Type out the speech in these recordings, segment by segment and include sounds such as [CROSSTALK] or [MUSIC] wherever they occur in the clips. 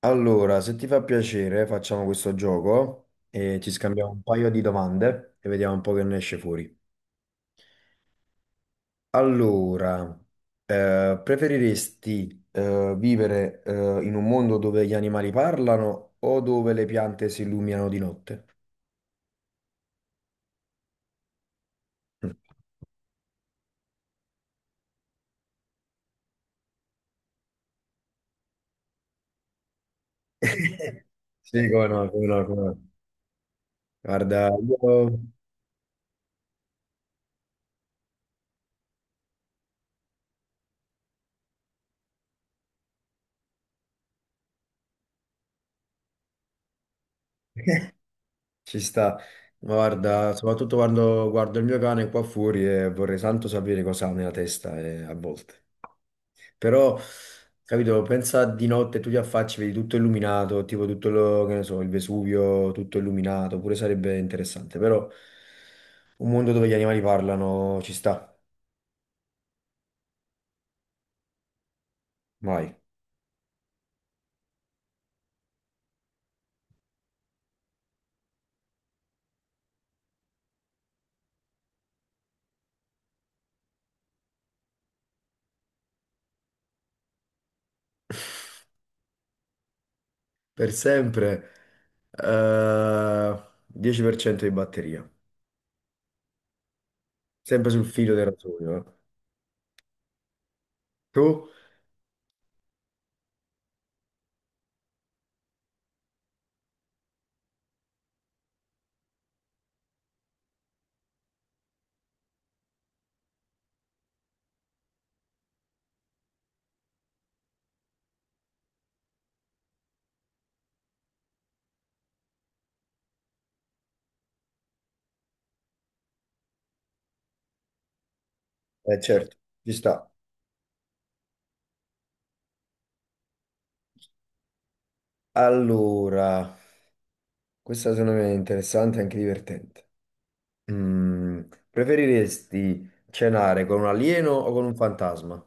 Allora, se ti fa piacere, facciamo questo gioco e ci scambiamo un paio di domande e vediamo un po' che ne esce fuori. Allora, Preferiresti vivere, in un mondo dove gli animali parlano o dove le piante si illuminano di notte? Mm. [LAUGHS] Sì, come no, come no, come no. Guarda, io ci sta. Ma guarda, soprattutto quando guardo il mio cane qua fuori e vorrei tanto sapere cosa ha nella testa, a volte. Però, capito, pensa di notte tu ti affacci, vedi tutto illuminato, tipo tutto lo, che ne so, il Vesuvio tutto illuminato, pure sarebbe interessante, però un mondo dove gli animali parlano ci sta, vai. Per sempre, eh, 10% di batteria, sempre sul filo del rasoio. Eh. Tu? Eh certo, ci sta. Allora, questa secondo me è interessante e anche divertente. Mm, preferiresti cenare con un alieno o con un fantasma?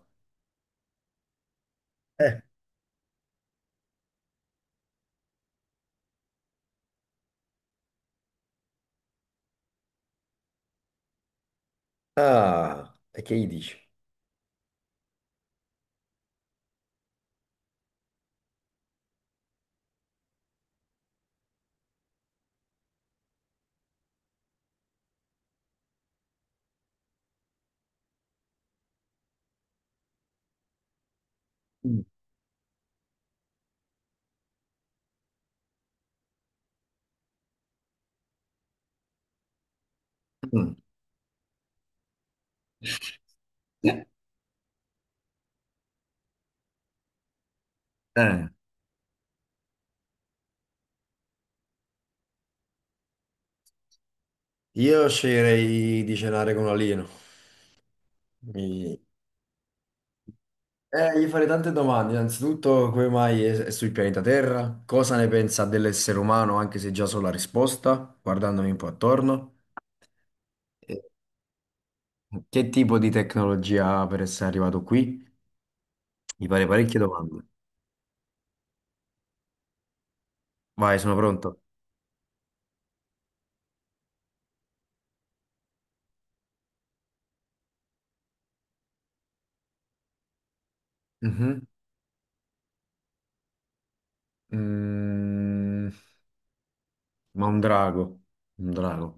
Eh. Ah, e che gli dici? Mm. Mm, eh, io sceglierei di cenare con un alieno. Mi- Gli farei tante domande. Innanzitutto, come mai è, è sul pianeta Terra? Cosa ne pensa dell'essere umano, anche se già so la risposta, guardandomi un po' attorno? E che tipo di tecnologia ha per essere arrivato qui? Mi farei parecchie domande. Vai, sono pronto. Mhm. Mm, ma un drago, un drago.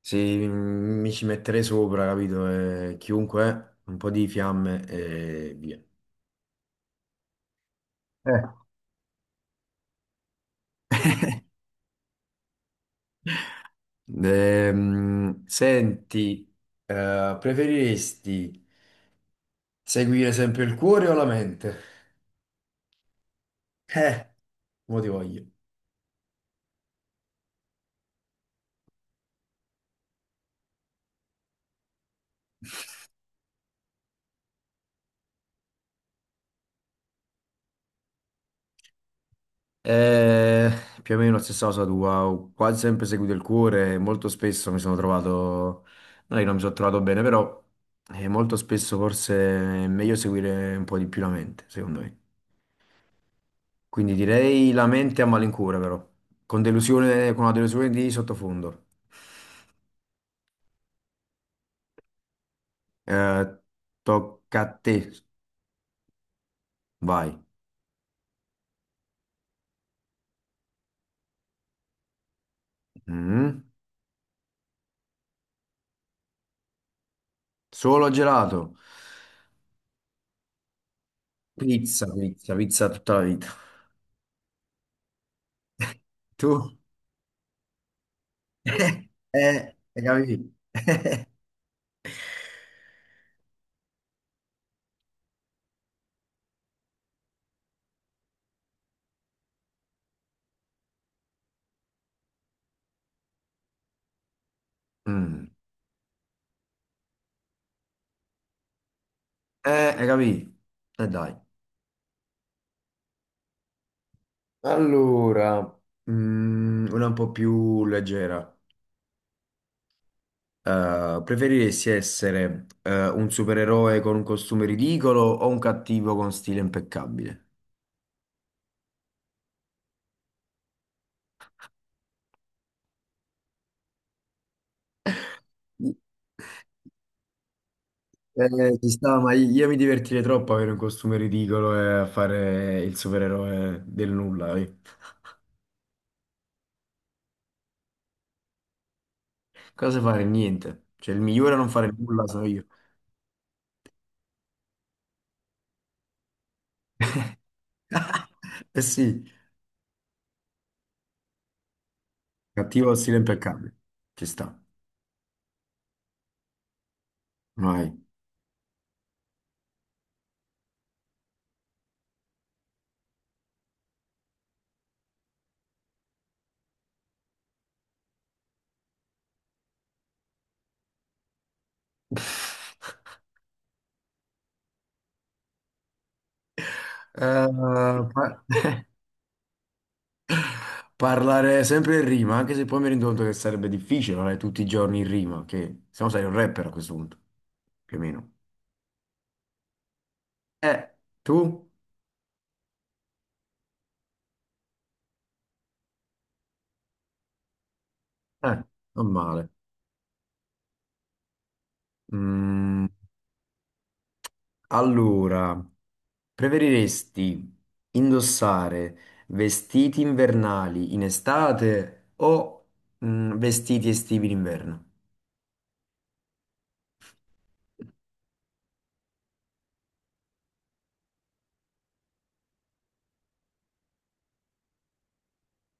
Se mi ci metterei sopra, capito? Chiunque, è, un po' di fiamme e via. Eh. Senti, preferiresti seguire sempre il cuore o la mente? Eh, mo ti voglio. Eh, Più o meno la stessa cosa tua, ho quasi sempre seguito il cuore, e molto spesso mi sono trovato, no, io non mi sono trovato bene, però, molto spesso forse è meglio seguire un po' di più la mente, secondo me. Quindi direi la mente a malincuore, però, con delusione, con una delusione di sottofondo. Eh, tocca a te, vai. Mm. Solo gelato, pizza, pizza, pizza tutta la vita. [LAUGHS] Tu? [LAUGHS] Hai capito? Mm. Eh, hai capito? E dai. Allora, mm, una un po' più leggera. Preferiresti essere, un supereroe con un costume ridicolo o un cattivo con stile impeccabile? Ci sta, ma io mi divertirei troppo a avere un costume ridicolo e a fare il supereroe del nulla. Eh. Cosa fare? Niente. Cioè, il migliore a non fare nulla sono io. [LAUGHS] Eh sì, cattivo con stile impeccabile. Ci sta. Vai. [LAUGHS] Eh, pa- [LAUGHS] parlare sempre in rima, anche se poi mi rendo conto che sarebbe difficile parlare tutti i giorni in rima, che se no sei un rapper a questo punto, più o meno. Eh, tu? Eh, non male. Mm, allora, preferiresti indossare vestiti invernali in estate o, mm, vestiti estivi in inverno?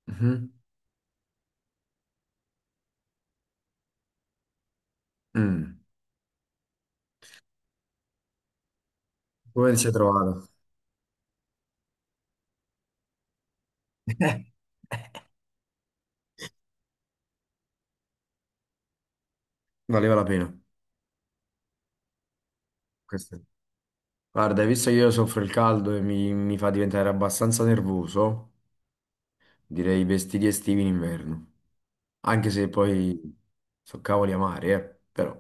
Mhm. Mm. Come ti sei trovato? [LAUGHS] Valeva la pena. Questo. Guarda, visto che io soffro il caldo e mi fa diventare abbastanza nervoso, direi i vestiti estivi in inverno. Anche se poi so cavoli amari, eh. Però,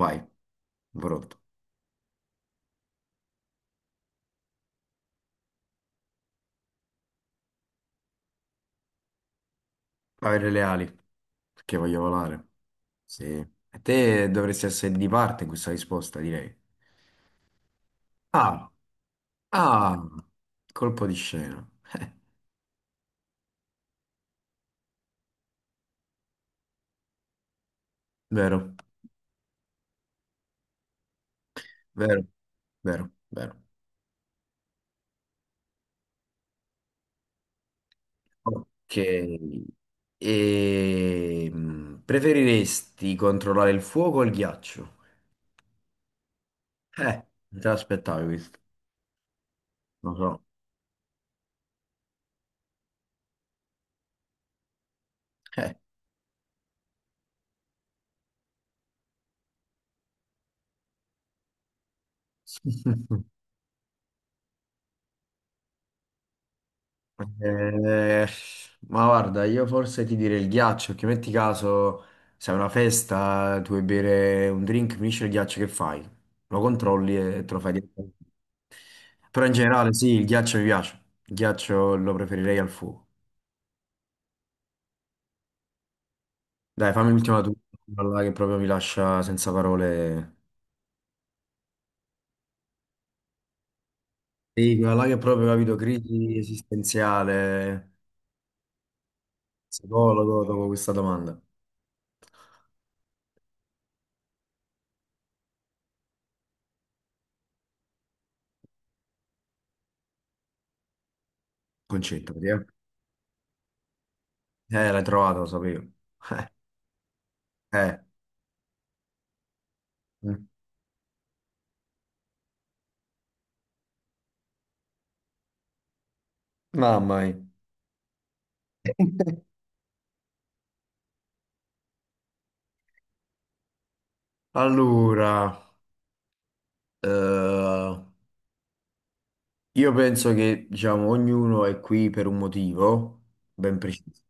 vai, pronto. Avere le ali, perché voglio volare. Sì. E te dovresti essere di parte in questa risposta, direi. Ah, ah, colpo di scena. Vero, vero, vero, vero. Ok, e, mm, preferiresti controllare il fuoco o il ghiaccio? Non te l'aspettavi questo, lo so. Eh. [LAUGHS] Eh, ma guarda, io forse ti direi il ghiaccio, che metti caso, se è una festa, tu vuoi bere un drink, finisce il ghiaccio, che fai? Lo controlli e te lo fai direttamente. Però in generale sì, il ghiaccio mi piace, il ghiaccio lo preferirei al fuoco. Dai, fammi l'ultima tu, quella là che proprio mi lascia senza parole. Sì, quella là che proprio, capito, crisi esistenziale, psicologo, dopo questa domanda. Concetta, perché? L'hai trovata, lo sapevo. [LAUGHS] Eh. Eh. Mamma mia. Allora, eh, io penso che, diciamo, ognuno è qui per un motivo ben preciso.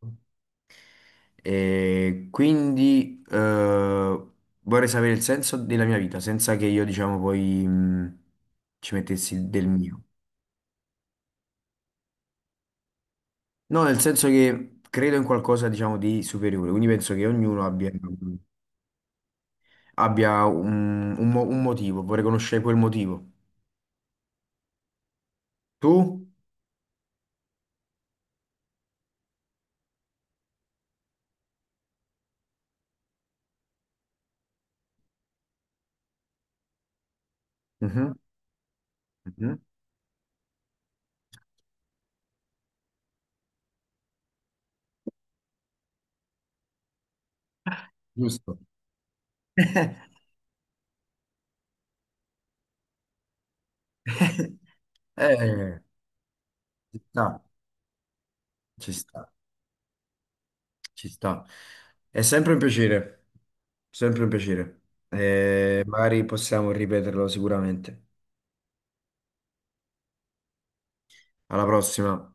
E quindi, vorrei sapere il senso della mia vita senza che io, diciamo, poi, mh, ci mettessi del mio. No, nel senso che credo in qualcosa, diciamo, di superiore, quindi penso che ognuno abbia, abbia un, un motivo, vorrei conoscere quel motivo. Tu? Mhm, mhm. Giusto. [LAUGHS] Eh, ci sta, ci sta. Ci sta. È sempre un piacere, sempre un piacere. Mm. E magari possiamo ripeterlo sicuramente. Alla prossima.